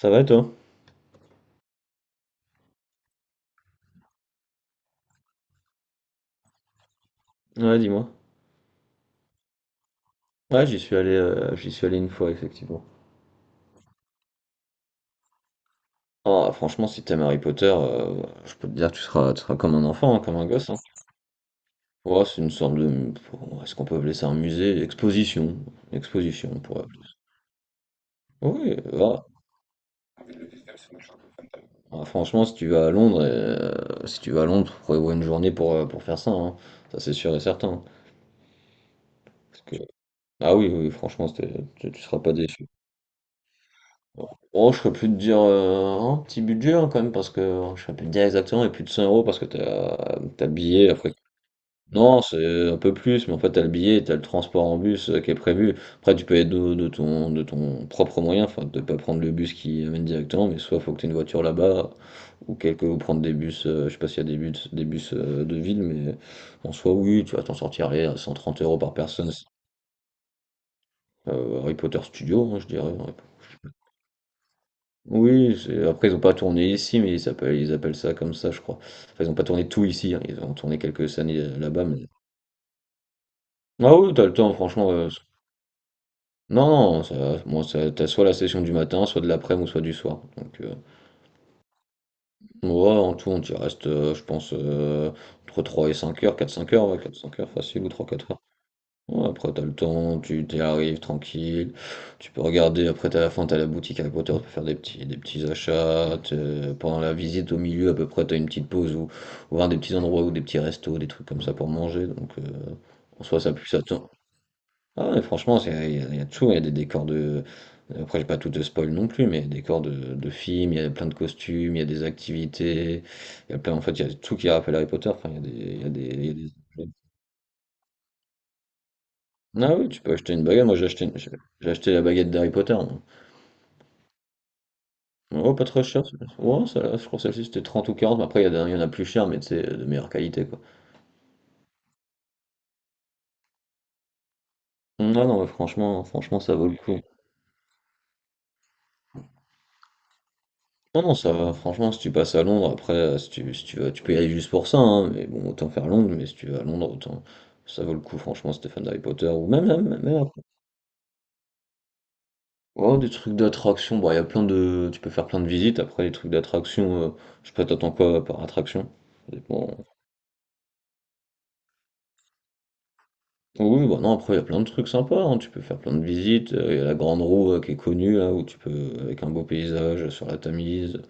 Ça va et toi? Ouais, dis-moi. Ouais, j'y suis allé une fois, effectivement. Ah, franchement, si t'aimes Harry Potter, je peux te dire tu seras comme un enfant, hein, comme un gosse, hein. Ouais, c'est une sorte de. Est-ce qu'on peut appeler ça un musée? Une exposition. Une exposition, on pourrait appeler ça. Oui, va. Ah, franchement, si tu vas à Londres, si tu vas à Londres, tu prévois une journée pour faire ça, hein. Ça, c'est sûr et certain, hein. Parce que- Ah oui, oui, franchement, tu seras pas déçu. Oh, je serais plus de dire un petit budget, hein, quand même, parce que je serais plus de dire exactement, mais plus de 100 euros parce que t'as le billet. Après, non, c'est un peu plus, mais en fait, t'as le billet, t'as le transport en bus qui est prévu. Après, tu peux être de ton, de ton propre moyen, enfin, de pas prendre le bus qui amène directement, mais soit faut que t'aies une voiture là-bas, ou quelque, ou prendre des bus, je sais pas s'il y a des bus de ville, mais en soi, oui, tu vas t'en sortir allez, à 130 euros par personne. Harry Potter Studio, hein, je dirais, ouais. Oui, c'est- après ils ont pas tourné ici, mais ils appellent ça comme ça, je crois. Enfin, ils ont pas tourné tout ici, hein. Ils ont tourné quelques années là-bas, mais. Ah oui, t'as le temps, franchement. Non, non, ça, moi, ça, t'as soit la session du matin, soit de l'après-midi ou soit du soir. Donc, ouais, en tout, on y reste, je pense, entre 3 et 5 heures, 4-5 heures, ouais, 4-5 heures facile ou 3-4 heures. Ouais, après, t'as le temps, tu t'y arrives tranquille. Tu peux regarder, après, t'as la fin, t'as la boutique Harry Potter, tu peux faire des petits achats. T'es- Pendant la visite au milieu, à peu près, t'as une petite pause ou voir des petits endroits ou des petits restos, des trucs comme ça pour manger. Donc, en soi, ça pue, ça tend. Ah, mais franchement, c'est- il y a de tout. Il y a des décors de. Après, j'ai pas tout de spoil non plus, mais il y a des décors de films, il y a plein de costumes, il y a des activités. Il y a plein, en fait, il y a tout qui rappelle Harry Potter. Enfin, il y a des. Il y a des... Ah oui, tu peux acheter une baguette. Moi, j'ai acheté la baguette d'Harry Potter, moi. Oh, pas trop cher, celle-là. Ouais, celle-là, je crois que celle-ci c'était 30 ou 40. Mais après, il y en a plus cher, mais c'est de meilleure qualité, quoi. Non, non, mais franchement, ça vaut le coup. Non, non, ça va. Franchement, si tu passes à Londres, après, si tu vas, tu peux y aller juste pour ça, hein, mais bon, autant faire Londres. Mais si tu vas à Londres, autant. Ça vaut le coup, franchement, si t'es d'Harry Potter. Ou même, même après. Oh, des trucs d'attraction. Bon, il y a plein de. Tu peux faire plein de visites. Après, les trucs d'attraction, je sais pas, t'attends quoi par attraction. Ça dépend. Oui, bah non, après, il y a plein de trucs sympas, hein. Tu peux faire plein de visites. Il y a la Grande Roue qui est connue, là, où tu peux, avec un beau paysage sur la Tamise,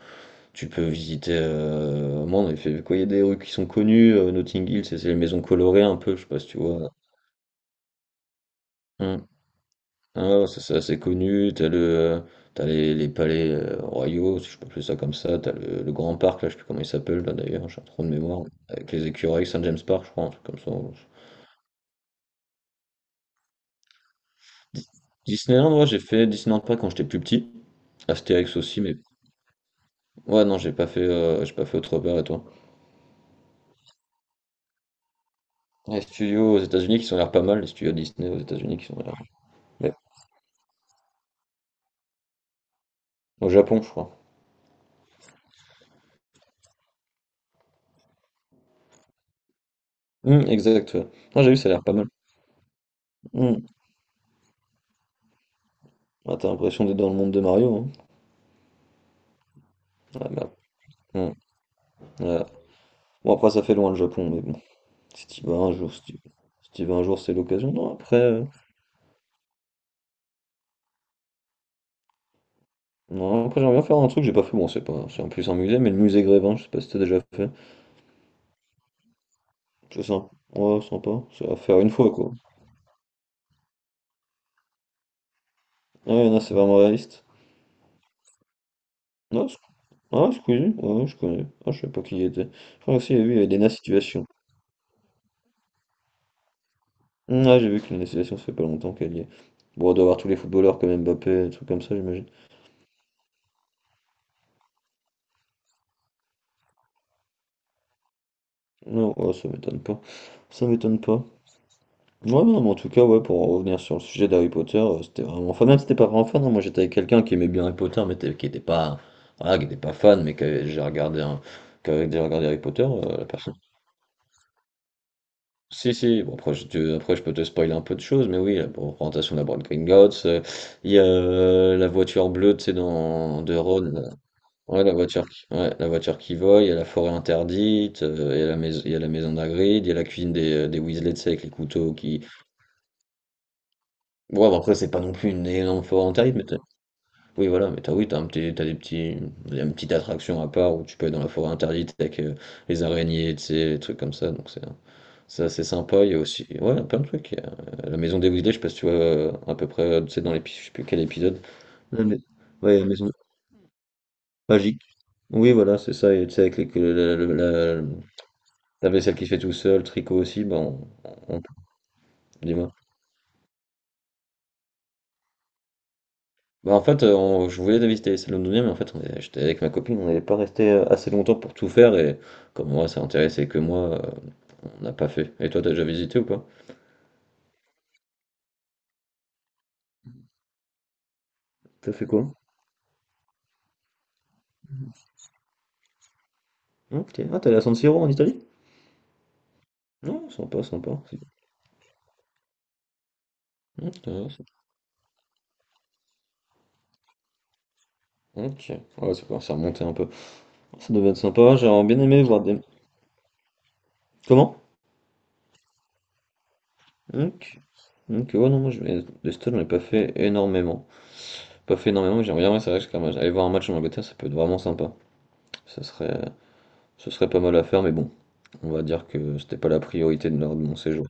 tu peux visiter. Moi, on avait fait quoi? Il y a des rues qui sont connues. Notting Hill, c'est les maisons colorées un peu, je sais pas si tu vois. Hmm. Ah, ouais, ça, c'est assez connu. T'as les palais royaux, si je peux appeler ça comme ça. T'as le grand parc, là, je sais plus comment il s'appelle, là, d'ailleurs, j'ai trop de mémoire. Avec les écureuils, Saint James Park, je crois, un truc comme ça. Dis- Disneyland, ouais, j'ai fait Disneyland Paris quand j'étais plus petit. Astérix aussi, mais ouais, non, j'ai pas fait autre part, et toi? Les studios aux États-Unis qui sont l'air pas mal, les studios Disney aux États-Unis qui sont l'air. Ouais. Au Japon, je crois. Exact, ouais. Non, j'ai vu, ça a l'air pas mal. Hum. Ah, t'as l'impression d'être dans le monde de Mario, hein. Ah, merde. Hum, ouais. Bon, après, ça fait loin le Japon, mais bon. Si t'y vas un jour, si t'y vas un jour, c'est l'occasion. Non, après, non, après, j'aimerais bien faire un truc que j'ai pas fait. Bon, c'est pas, c'est en plus un musée, mais le musée Grévin, je sais pas si t'as déjà fait. C'est sympa. Ouais, sympa. C'est à faire une fois, quoi. Ouais, non, c'est vraiment réaliste. Non, ah, Squeezie, ouais, je connais. Ah, je savais pas qui il était. Je crois aussi, j'ai vu, il y avait Elena Situation. Ah, j'ai vu que Elena Situation, ça fait pas longtemps qu'elle y est. Bon, on doit avoir tous les footballeurs comme Mbappé, des trucs comme ça, j'imagine. Non, ouais, ça m'étonne pas. Ça m'étonne pas. Ouais, non, mais en tout cas, ouais, pour en revenir sur le sujet d'Harry Potter, c'était vraiment. Enfin, même si t'étais pas vraiment fan, hein, moi j'étais avec quelqu'un qui aimait bien Harry Potter, mais t'es- qui était pas. Voilà, qui était pas fan, mais qui avait déjà regardé, un- qui avait déjà regardé Harry Potter, la personne. Si, si, bon, après, après, je peux te spoiler un peu de choses, mais oui, la représentation de la Bride Gringotts, il y a la voiture bleue, tu sais, dans de Ron, là. Ouais, la voiture qui vole, il y a la forêt interdite, il y a la maison, il y a la maison d'Hagrid, il y a la cuisine des Weasley, tu sais, avec les couteaux qui... Bon, bah, après, c'est pas non plus une énorme forêt interdite, mais t'as- oui, voilà, mais t'as, oui, t'as un petit, t'as des petits, une petite attraction à part où tu peux aller dans la forêt interdite avec les araignées, tu sais, les trucs comme ça, donc c'est... C'est assez sympa, il y a aussi ouais, plein de trucs. Il y a, la maison des Weasley, je sais pas si tu vois à peu près, tu sais, dans l'épisode, je sais plus quel épisode. La mais- Ouais, la maison magique. Oui, voilà, c'est ça. Et tu sais, avec les- que la- la- la vaisselle qui se fait tout seul, le tricot aussi, bah, on, on- dis-moi. Bah, en fait, je voulais visiter celle londonienne, mais en fait, j'étais avec ma copine, on n'allait pas rester assez longtemps pour tout faire, et comme moi, ça intéressait que moi, on n'a pas fait. Et toi, t'as déjà visité ou pas? T'as fait quoi? Ok. Ah, t'es allé à San Siro en Italie? Non, sympa, sympa. Ok, ok, ouais, ça commence à remonter un peu. Ça devait être sympa, j'aurais bien aimé voir des. Comment? Donc, donc ouais, non, moi, des stats, j'en ai pas fait énormément. Pas fait énormément, mais j'aimerais bien, ouais, c'est vrai que c'est quand même- aller voir un match en Angleterre, ça peut être vraiment sympa. Ça serait... Ce serait pas mal à faire, mais bon, on va dire que c'était pas la priorité de, leur- de mon séjour.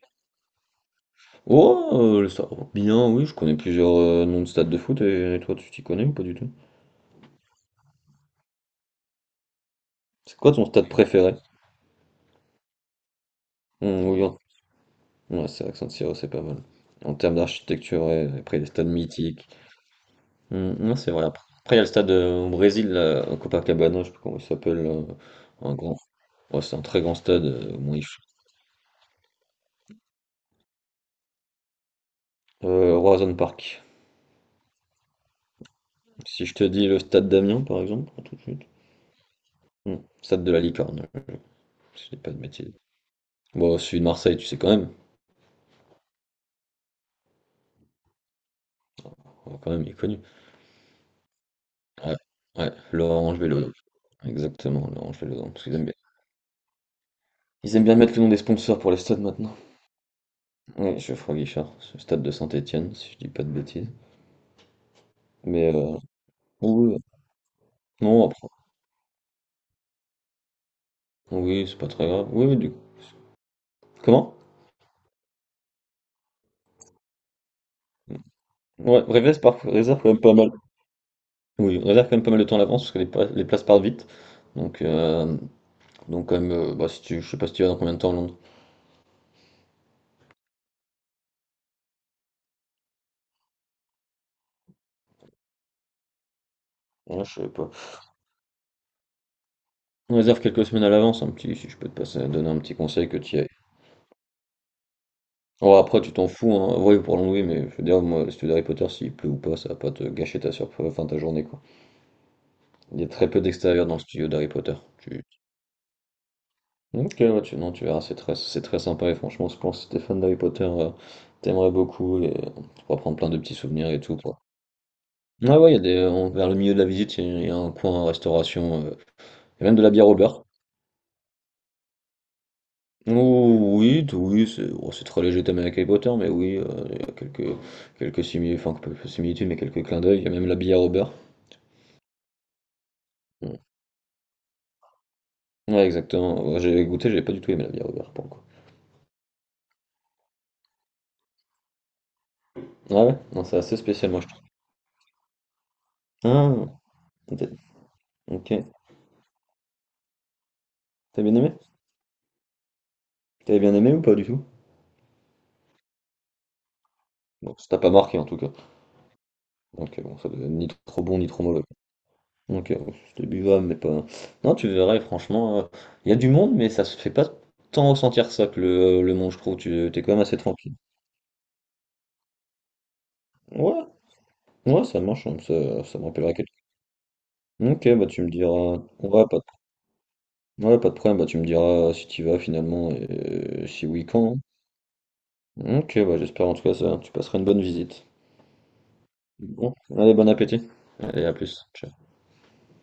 Oh, bien, oui, je connais plusieurs noms de stades de foot, et toi, tu t'y connais ou pas du tout? C'est quoi ton stade préféré? Oui, hein. Ouais, c'est vrai que San Siro, c'est pas mal. En termes d'architecture, ouais, après les stades mythiques. Mm, non, c'est vrai. Après, il y a le stade au Brésil, là, à Copacabana, je sais pas comment il s'appelle. Un grand... ouais, c'est un très grand stade. Horizon Park. Si je te dis le stade d'Amiens, par exemple, tout de suite. Mm, Stade de la Licorne, si je dis pas de bêtises. Bon, celui de Marseille, tu sais quand même. Oh, quand même, il est connu. Ouais, ouais, l'Orange Vélodrome. Exactement, l'Orange Vélodrome. Parce qu'ils aiment bien. Ils aiment bien mettre le nom des sponsors pour les stades maintenant. Oui, Geoffroy Guichard, ce stade de Saint-Étienne, si je dis pas de bêtises. Mais oui, oui. Non, oui, c'est pas très grave. Oui, oui, du... Comment? Ouais, réserve, par... réserve quand même pas mal. Oui, réserve quand même pas mal de temps à l'avance parce que les, pla- les places partent vite. Donc, euh, donc quand même, bah, si tu... je sais pas si tu vas dans combien de temps à Londres. Ouais, je sais pas. On réserve quelques semaines à l'avance, un petit, si je peux te passer, donner un petit conseil que tu y ailles. Oh, après, tu t'en fous, hein. Oui, pour Londres, oui, mais je veux dire, moi, le studio d'Harry Potter, s'il pleut ou pas, ça va pas te gâcher ta surprise, enfin ta journée, quoi. Il y a très peu d'extérieur dans le studio d'Harry Potter. Tu... Ok, ouais, tu, non, tu verras, c'est très sympa et franchement, je pense que si t'es fan d'Harry Potter, t'aimerais beaucoup et tu pourras prendre plein de petits souvenirs et tout, quoi. Ah ouais, il y a des, en- vers le milieu de la visite, il y a un coin restauration, et même de la bière au beurre. Oh, oui, oui, c'est oh, c'est très léger, t'aimes avec Harry Potter, mais oui, il y a quelques, quelques simili- enfin, quelques similitudes, mais quelques clins d'œil, il y a même la bière au beurre. Mm. Ouais, exactement. Ouais, j'ai goûté, j'ai pas du tout aimé la bière au beurre, pour le coup. Ah ouais, non, c'est assez spécial, moi, je trouve. Ah, t'as- ok, t'as bien aimé? T'avais bien aimé ou pas du tout? Bon, ça t'a pas marqué en tout cas. Donc bon, ça devait être ni trop bon ni trop mauvais. Donc c'était buvable, mais pas. Non, tu verrais, franchement, il y a du monde, mais ça se fait pas tant ressentir ça que le monde, je trouve. Tu t'es quand même assez tranquille. Ouais, ouais, ça marche, hein, ça me rappellera quelque chose. Ok, bah tu me diras. Ouais, pas de problème, bah tu me diras si tu vas finalement et si oui, quand. Hein. Ok, bah j'espère en tout cas ça. Tu passeras une bonne visite. Bon, allez, bon appétit. Allez, à plus. Ciao.